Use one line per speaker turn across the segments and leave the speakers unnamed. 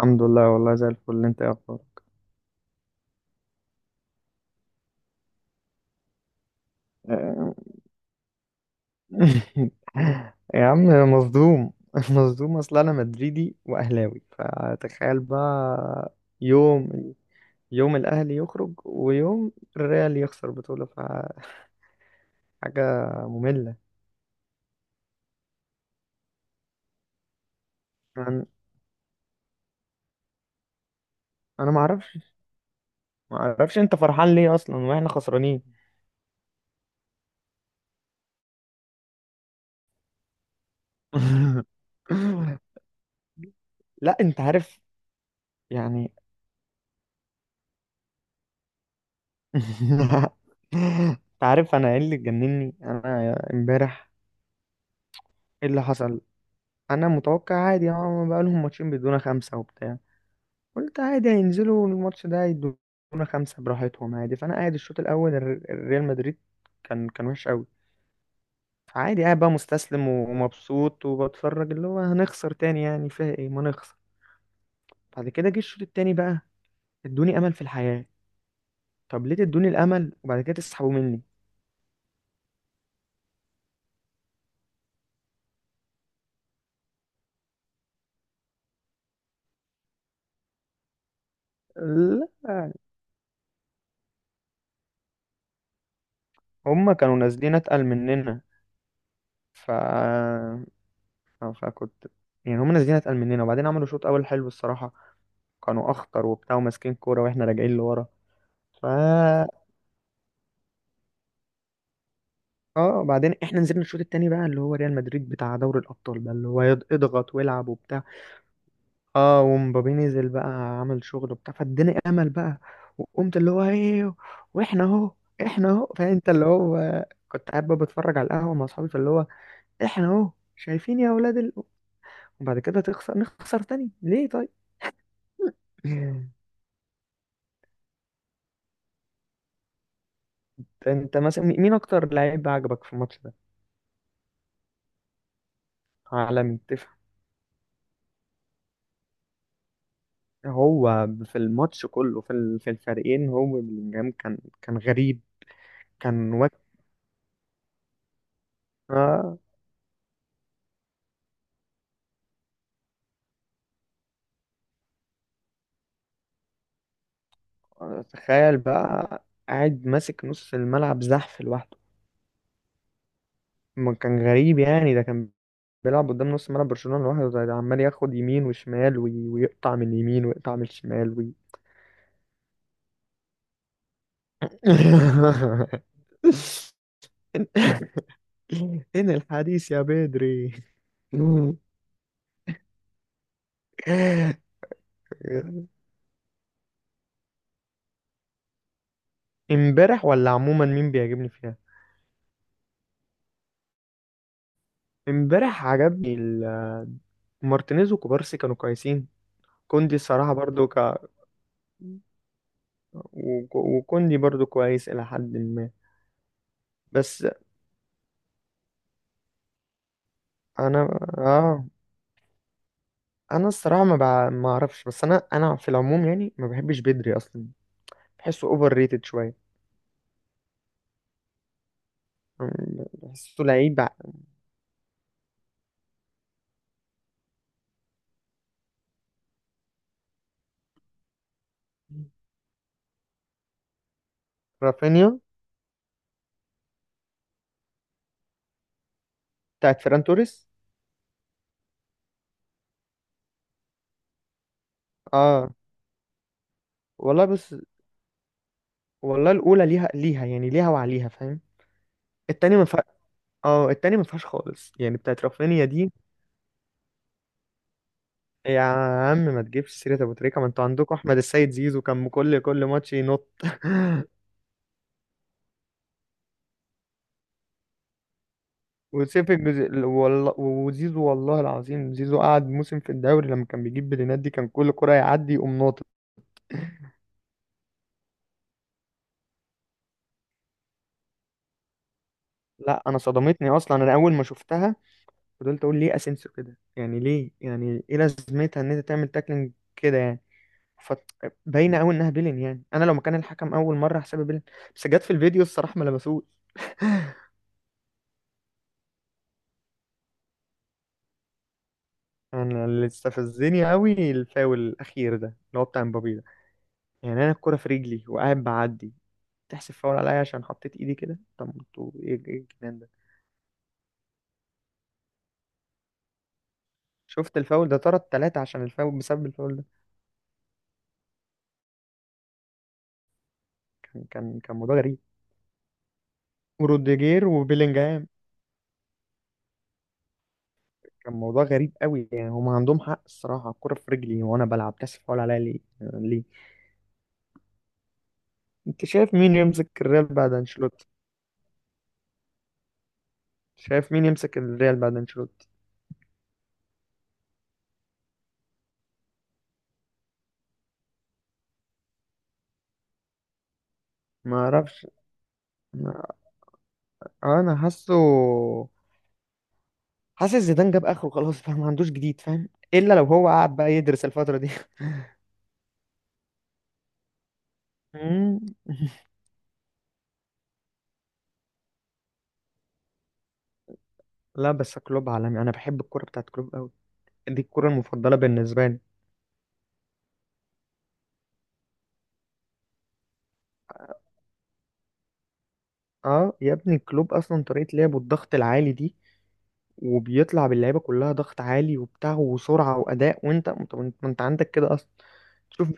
الحمد لله، والله زي الفل. انت ايه اخبارك؟ آه. يا عم، مصدوم. مصدوم، اصل انا مدريدي واهلاوي، فتخيل بقى. يوم يوم الاهلي يخرج ويوم الريال يخسر بطولة، فحاجة مملة. انا انا ما اعرفش. انت فرحان ليه اصلا واحنا خسرانين؟ لا، انت عارف. يعني. انت عارف انا ايه اللي جنني انا امبارح؟ ايه اللي حصل؟ انا متوقع، عادي، اه، بقى لهم ماتشين بيدونا خمسه وبتاع. قلت عادي هينزلوا الماتش ده يدونا خمسه براحتهم عادي. فانا قاعد الشوط الاول، الريال مدريد كان وحش قوي. فعادي قاعد بقى مستسلم ومبسوط وبتفرج، اللي هو هنخسر تاني، يعني فيها ايه ما نخسر. بعد كده جه الشوط التاني بقى، ادوني امل في الحياه. طب ليه تدوني الامل وبعد كده تسحبوا مني؟ لا، هما كانوا نازلين اتقل مننا. ف فكنت يعني هما نازلين اتقل مننا وبعدين عملوا شوط اول حلو الصراحه، كانوا اخطر وبتاع وماسكين كوره واحنا راجعين لورا. ف اه، بعدين احنا نزلنا الشوط التاني بقى اللي هو ريال مدريد بتاع دوري الابطال بقى، اللي هو اضغط والعب وبتاع. اه، ومبابي نزل بقى، عمل شغل وبتاع، فاداني امل بقى. وقمت اللي هو ايه، واحنا اهو، احنا اهو فانت اللي هو، كنت قاعد بقى بتفرج على القهوه مع اصحابي، فاللي هو احنا اهو شايفين يا اولاد ال... وبعد كده تخسر، نخسر تاني ليه طيب؟ انت مثلا مين اكتر لعيب عجبك في الماتش ده؟ عالمي. هو في الماتش كله، في الفريقين، هو بلينجهام كان غريب. كان وقتها. تخيل بقى، قاعد ماسك نص الملعب زحف لوحده. ما كان غريب، يعني ده كان بيلعب قدام نص ملعب برشلونة لوحده. ده عمال ياخد يمين وشمال ويقطع من اليمين ويقطع من الشمال وي... إن الحديث يا بدري. امبارح ولا عموما مين بيعجبني فيها؟ امبارح عجبني مارتينيز وكوبارسي كانوا كويسين. كوندي الصراحة برضو ك... وكوندي برضو كويس إلى حد ما. بس أنا، آه، أنا الصراحة ما بع... ما أعرفش. بس أنا في العموم يعني ما بحبش بدري أصلا، بحسه أوفر ريتد شوية. بحسه لعيب رافينيا. بتاعت فيران توريس. آه. والله بس، والله الأولى ليها، ليها يعني، ليها وعليها، فاهم. التانية ما فيها. اه، التانية ما فيهاش خالص، يعني بتاعت رافينيا دي. يا عم ما تجيبش سيرة ابو تريكة، ما انتوا عندكم احمد السيد زيزو، كان كل ماتش ينط. والله، وزيزو والله العظيم، زيزو قعد موسم في الدوري لما كان بيجيب بلينات دي كان كل كرة يعدي يقوم ناطط. لا انا صدمتني اصلا، انا اول ما شفتها فضلت اقول ليه اسينسيو كده؟ يعني ليه؟ يعني ايه لازمتها ان انت تعمل تاكلينج كده يعني؟ فباينه قوي انها بيلين، يعني انا لو مكان الحكم اول مره هحسبها بيلين. بس جت في الفيديو الصراحه ما لمسوش. انا اللي استفزني قوي الفاول الاخير ده اللي هو بتاع مبابي ده. يعني انا الكرة في رجلي وقاعد بعدي تحسب فاول عليا عشان حطيت ايدي كده؟ طب انتوا ايه، ايه الجنان ده؟ شفت الفاول ده طرد ثلاثة عشان الفاول، بسبب الفاول ده. كان موضوع غريب. وروديجير وبيلينجهام، كان موضوع غريب قوي. يعني هم عندهم حق الصراحة، الكرة في رجلي وانا بلعب تحسب فاول عليا ليه؟ ليه؟ انت شايف مين يمسك الريال بعد انشيلوتي؟ شايف مين يمسك الريال بعد انشيلوتي؟ ما اعرفش. ما- انا حاسه، حاسس زيدان جاب اخره خلاص، فاهم؟ ما عندوش جديد، فاهم؟ الا لو هو قعد بقى يدرس الفتره دي. مم. لا، بس كلوب عالمي، انا بحب الكوره بتاعت كلوب قوي. دي الكوره المفضله بالنسبه لي. اه يا ابني كلوب اصلا طريقه لعبه الضغط العالي دي، وبيطلع باللعيبه كلها ضغط عالي وبتاع، وسرعه واداء، وانت انت انت عندك كده اصلا. شوف،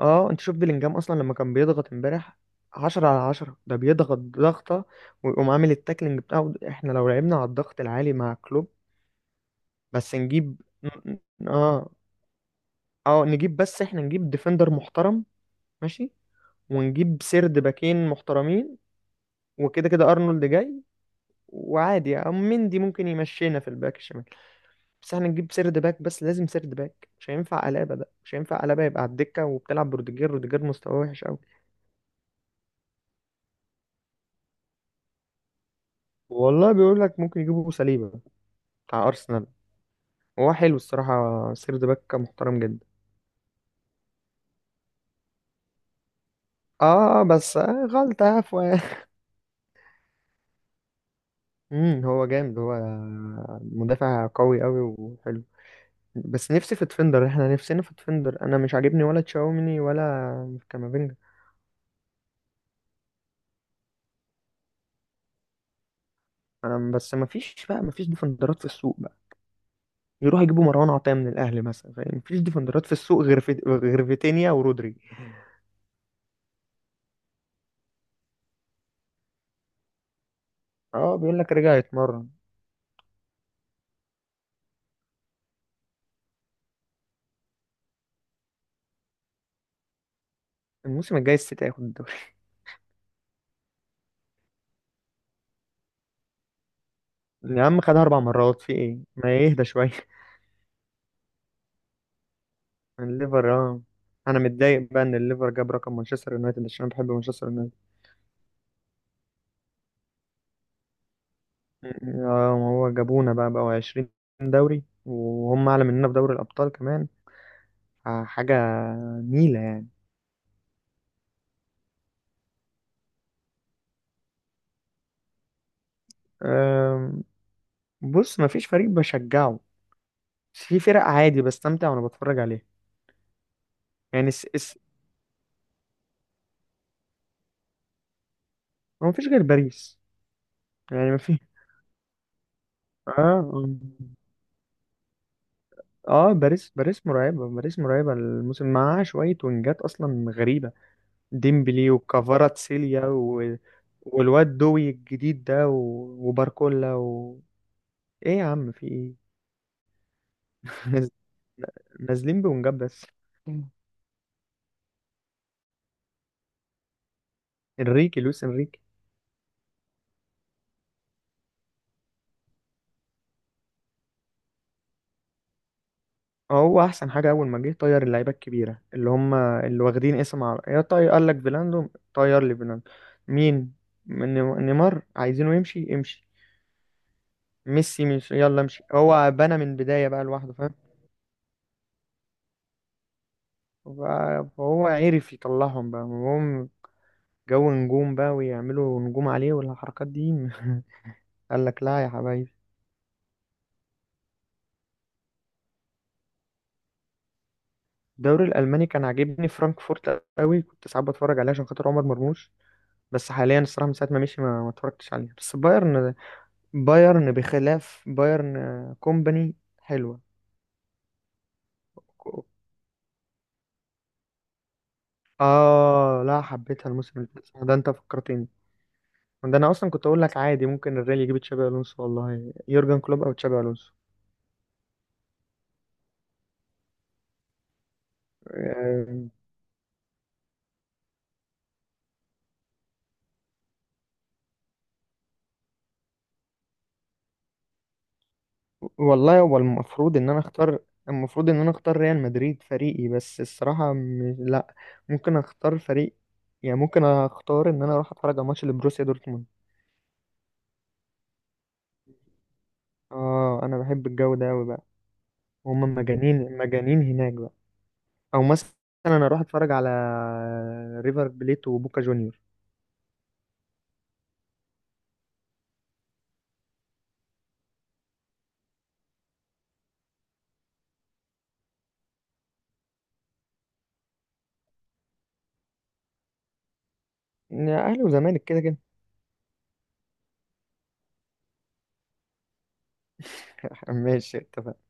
اه انت شوف بلينجهام اصلا لما كان بيضغط امبارح عشرة على عشرة، ده بيضغط ضغطة ويقوم عامل التاكلينج بتاعه. احنا لو لعبنا على الضغط العالي مع كلوب، بس نجيب ن- ن- اه اه نجيب. بس احنا نجيب ديفندر محترم، ماشي، ونجيب سيرد باكين محترمين. وكده كده ارنولد جاي، وعادي او مندي ممكن يمشينا في الباك الشمال. بس احنا نجيب سيرد باك، بس لازم سيرد باك. مش هينفع قلابه، ده مش هينفع قلابه، يبقى على الدكه وبتلعب بروديجير. روديجير مستواه وحش قوي. والله بيقول لك ممكن يجيبوا سليبه بتاع ارسنال، هو حلو الصراحه، سيرد باك محترم جدا. اه بس، آه، غلطه عفوا. امم، هو جامد، هو مدافع قوي قوي وحلو. بس نفسي في تفندر، احنا نفسنا في تفندر. انا مش عاجبني ولا تشاوميني ولا كامافينجا. انا بس ما فيش بقى، ما فيش ديفندرات في السوق بقى. يروحوا يجيبوا مروان عطية من الاهلي مثلا، فاهم؟ ما فيش ديفندرات في السوق غير في... غير فيتينيا ورودري. اه بيقول لك رجع يتمرن. الموسم الجاي السيتي هياخد الدوري. يا عم خدها اربع مرات في ايه، ما يهدى شويه. الليفر، اه. انا متضايق بقى ان الليفر جاب رقم مانشستر يونايتد، عشان أنا بحب مانشستر يونايتد. آه، ما هو جابونا بقى بقوا 20 دوري، وهم أعلى مننا في دوري الأبطال كمان. حاجة نيلة يعني. آم، بص مفيش فريق بشجعه، بس في فرق عادي بستمتع وأنا بتفرج عليها. يعني اس اس هو مفيش غير باريس. يعني مفيش. اه. اه باريس، باريس مرعبة، باريس مرعبة. الموسم معاها شوية وينجات أصلا غريبة. ديمبلي وكفاراتسيليا و... والواد دوي الجديد ده و... وباركولا و... ايه يا عم في ايه؟ ناز- نازلين بونجاب بس. انريكي، لويس انريكي. اه، هو احسن حاجه اول ما جه طير اللعيبه الكبيره اللي هم اللي واخدين اسم، على يا طير، قال لك فيلاندو، طير لي فيلاندو. مين؟ من؟ نيمار عايزينه يمشي، يمشي. ميسي، مش يلا امشي. هو بنى من البدايه بقى لوحده، فاهم؟ ف- فهو عرف يطلعهم بقى، هم جو نجوم بقى ويعملوا نجوم عليه والحركات دي. قال لك لا يا حبايبي. الدوري الالماني كان عاجبني فرانكفورت قوي، كنت ساعات بتفرج عليه عشان خاطر عمر مرموش. بس حاليا الصراحه من ساعه ما مشي ما اتفرجتش عليه، بس بايرن. بايرن، بخلاف بايرن، آه، كومباني حلوه. كو- اه لا، حبيتها الموسم اللي فات، صح، ده انت فكرتني. ده انا اصلا كنت اقول لك عادي ممكن الريال يجيب تشابي الونسو، والله يورجن كلوب او تشابي الونسو. آه، والله هو المفروض ان انا اختار، المفروض ان انا اختار ريال مدريد فريقي، بس الصراحة م... لا، ممكن اختار فريق. يعني ممكن اختار ان انا اروح اتفرج على ماتش لبروسيا دورتموند. اه انا بحب الجو ده قوي بقى، هما مجانين، مجانين هناك بقى. او مثلا انا اروح اتفرج على ريفر بليت وبوكا جونيور. يعني اهلي وزمالك كده كده. ماشي، اتفقنا.